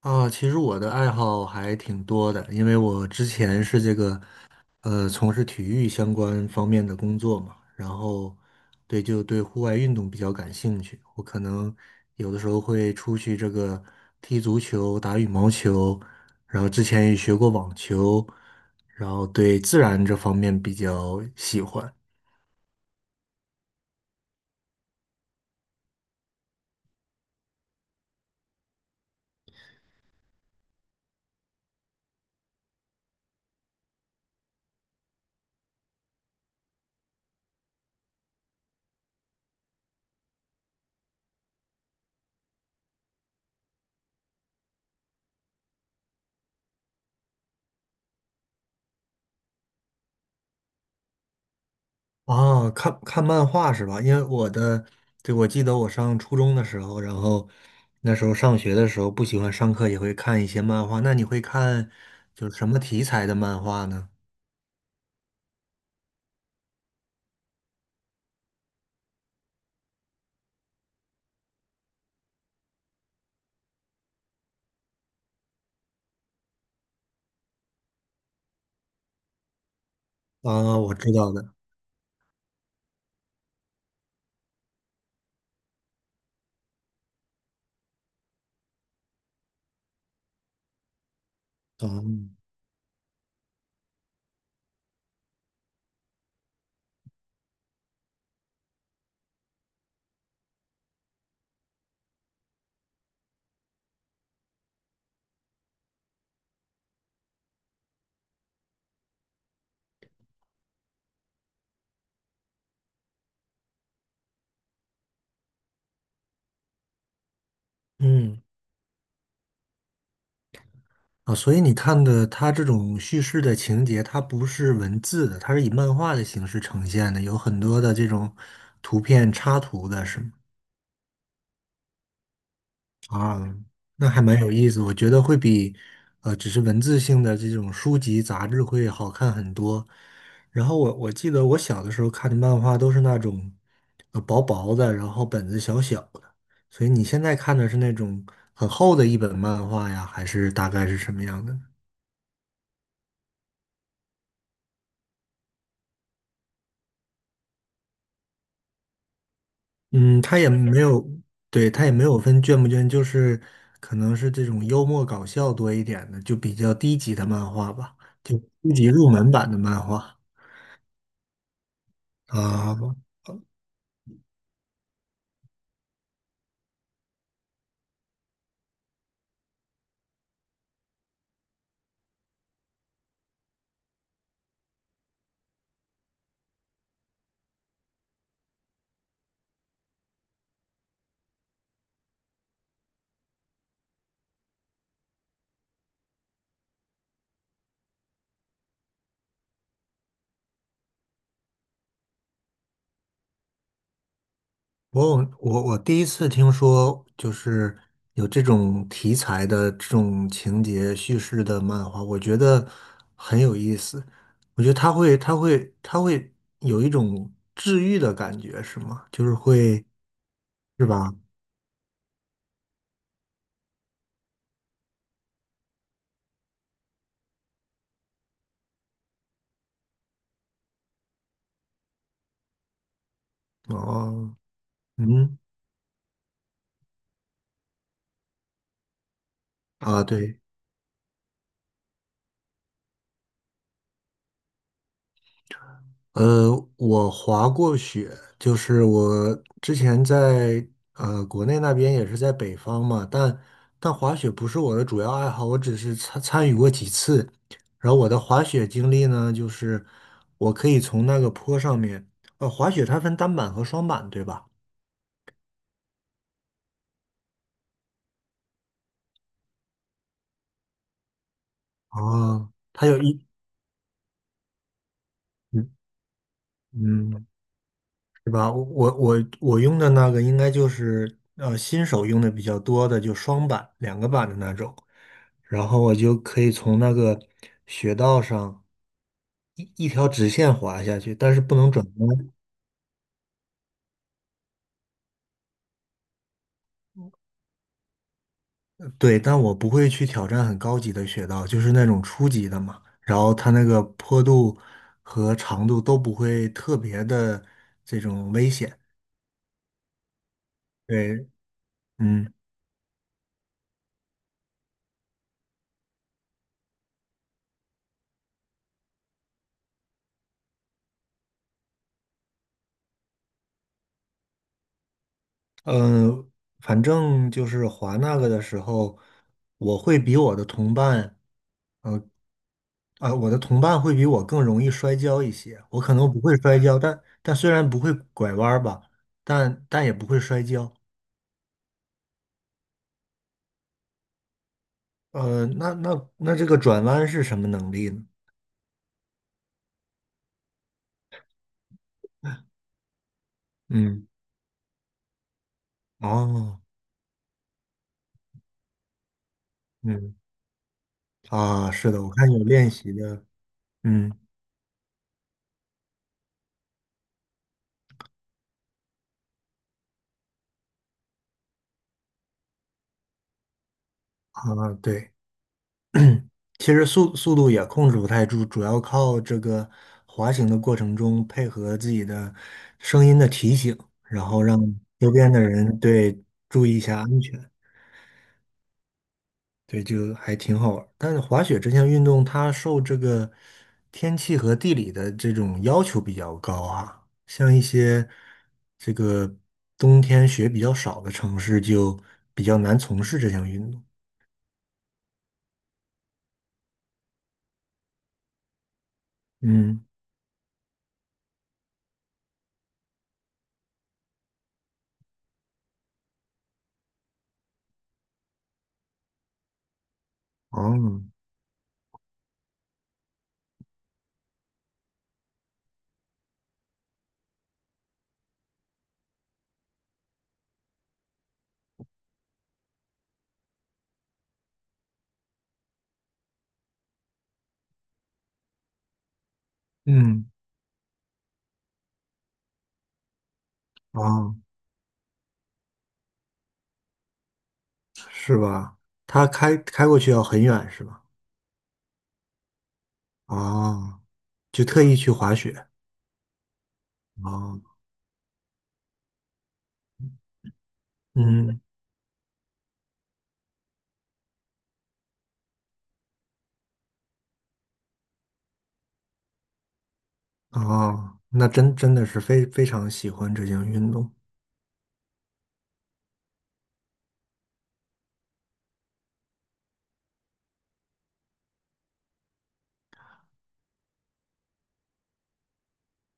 啊，其实我的爱好还挺多的，因为我之前是这个从事体育相关方面的工作嘛，然后对户外运动比较感兴趣。我可能有的时候会出去这个踢足球、打羽毛球，然后之前也学过网球，然后对自然这方面比较喜欢。哦，看看漫画是吧？因为我的，对，我记得我上初中的时候，然后那时候上学的时候不喜欢上课，也会看一些漫画。那你会看就是什么题材的漫画呢？啊，我知道的。嗯嗯，啊，所以你看的它这种叙事的情节，它不是文字的，它是以漫画的形式呈现的，有很多的这种图片插图的，是吗？啊，那还蛮有意思，我觉得会比只是文字性的这种书籍杂志会好看很多。然后我记得我小的时候看的漫画都是那种薄薄的，然后本子小小的。所以你现在看的是那种很厚的一本漫画呀，还是大概是什么样的？嗯，它也没有，对，它也没有分卷不卷，就是可能是这种幽默搞笑多一点的，就比较低级的漫画吧，就低级入门版的漫画。啊，我有我我第一次听说，就是有这种题材的这种情节叙事的漫画，我觉得很有意思。我觉得它会有一种治愈的感觉，是吗？就是会，是吧？哦，嗯，啊，对。呃，我滑过雪，就是我之前在国内那边也是在北方嘛，但滑雪不是我的主要爱好，我只是参与过几次。然后我的滑雪经历呢，就是我可以从那个坡上面，呃，滑雪它分单板和双板，对吧？哦，它有一，嗯嗯，是吧？我用的那个应该就是新手用的比较多的，就双板两个板的那种。然后我就可以从那个雪道上一条直线滑下去，但是不能转弯。对，但我不会去挑战很高级的雪道，就是那种初级的嘛。然后它那个坡度和长度都不会特别的这种危险。对，嗯嗯，反正就是滑那个的时候，我会比我的同伴。呃，我的同伴会比我更容易摔跤一些，我可能不会摔跤，但虽然不会拐弯儿吧，但也不会摔跤。呃，那这个转弯是什么能力呢？嗯，哦，嗯啊，是的，我看有练习的，嗯啊，对，其实速度也控制不太住，主要靠这个滑行的过程中配合自己的声音的提醒，然后让周边的人对注意一下安全。对，就还挺好玩儿但是滑雪这项运动，它受这个天气和地理的这种要求比较高啊。像一些这个冬天雪比较少的城市，就比较难从事这项运动。嗯，哦，嗯，哦，是吧？它开过去要很远是吧？哦，就特意去滑雪。哦，嗯，哦，那真的是非常喜欢这项运动。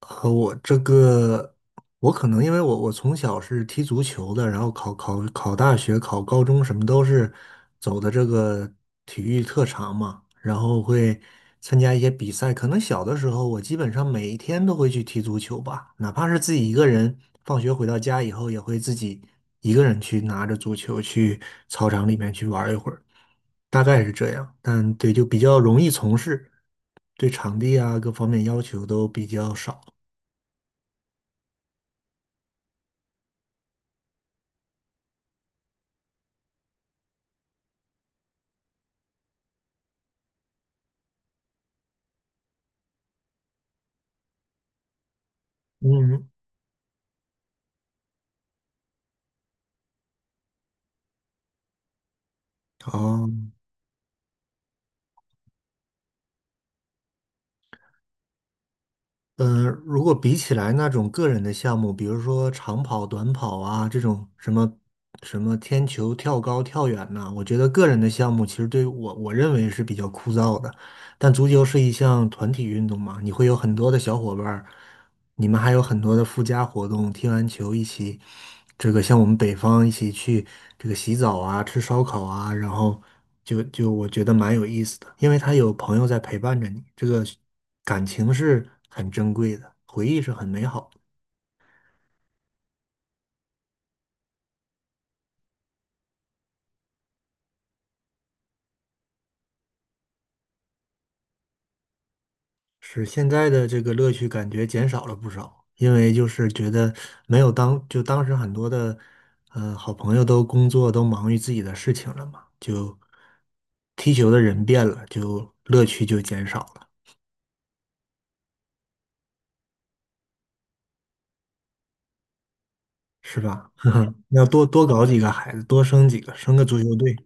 和我这个，我可能因为我从小是踢足球的，然后考大学、考高中什么都是走的这个体育特长嘛，然后会参加一些比赛。可能小的时候，我基本上每一天都会去踢足球吧，哪怕是自己一个人，放学回到家以后也会自己一个人去拿着足球去操场里面去玩一会儿，大概是这样。但对，就比较容易从事，对场地啊各方面要求都比较少。嗯，哦，如果比起来那种个人的项目，比如说长跑、短跑啊，这种什么什么天球、跳高、跳远呐、我觉得个人的项目其实对我认为是比较枯燥的。但足球是一项团体运动嘛，你会有很多的小伙伴儿，你们还有很多的附加活动，踢完球一起，这个像我们北方一起去这个洗澡啊、吃烧烤啊，然后就我觉得蛮有意思的，因为他有朋友在陪伴着你，这个感情是很珍贵的，回忆是很美好的，是现在的这个乐趣感觉减少了不少，因为就是觉得没有当时很多的好朋友都工作都忙于自己的事情了嘛，就踢球的人变了，就乐趣就减少了。是吧？呵要多多搞几个孩子，多生几个，生个足球队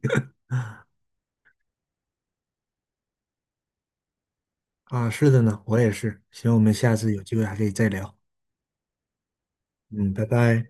啊。是的呢，我也是。行，我们下次有机会还可以再聊。嗯，拜拜。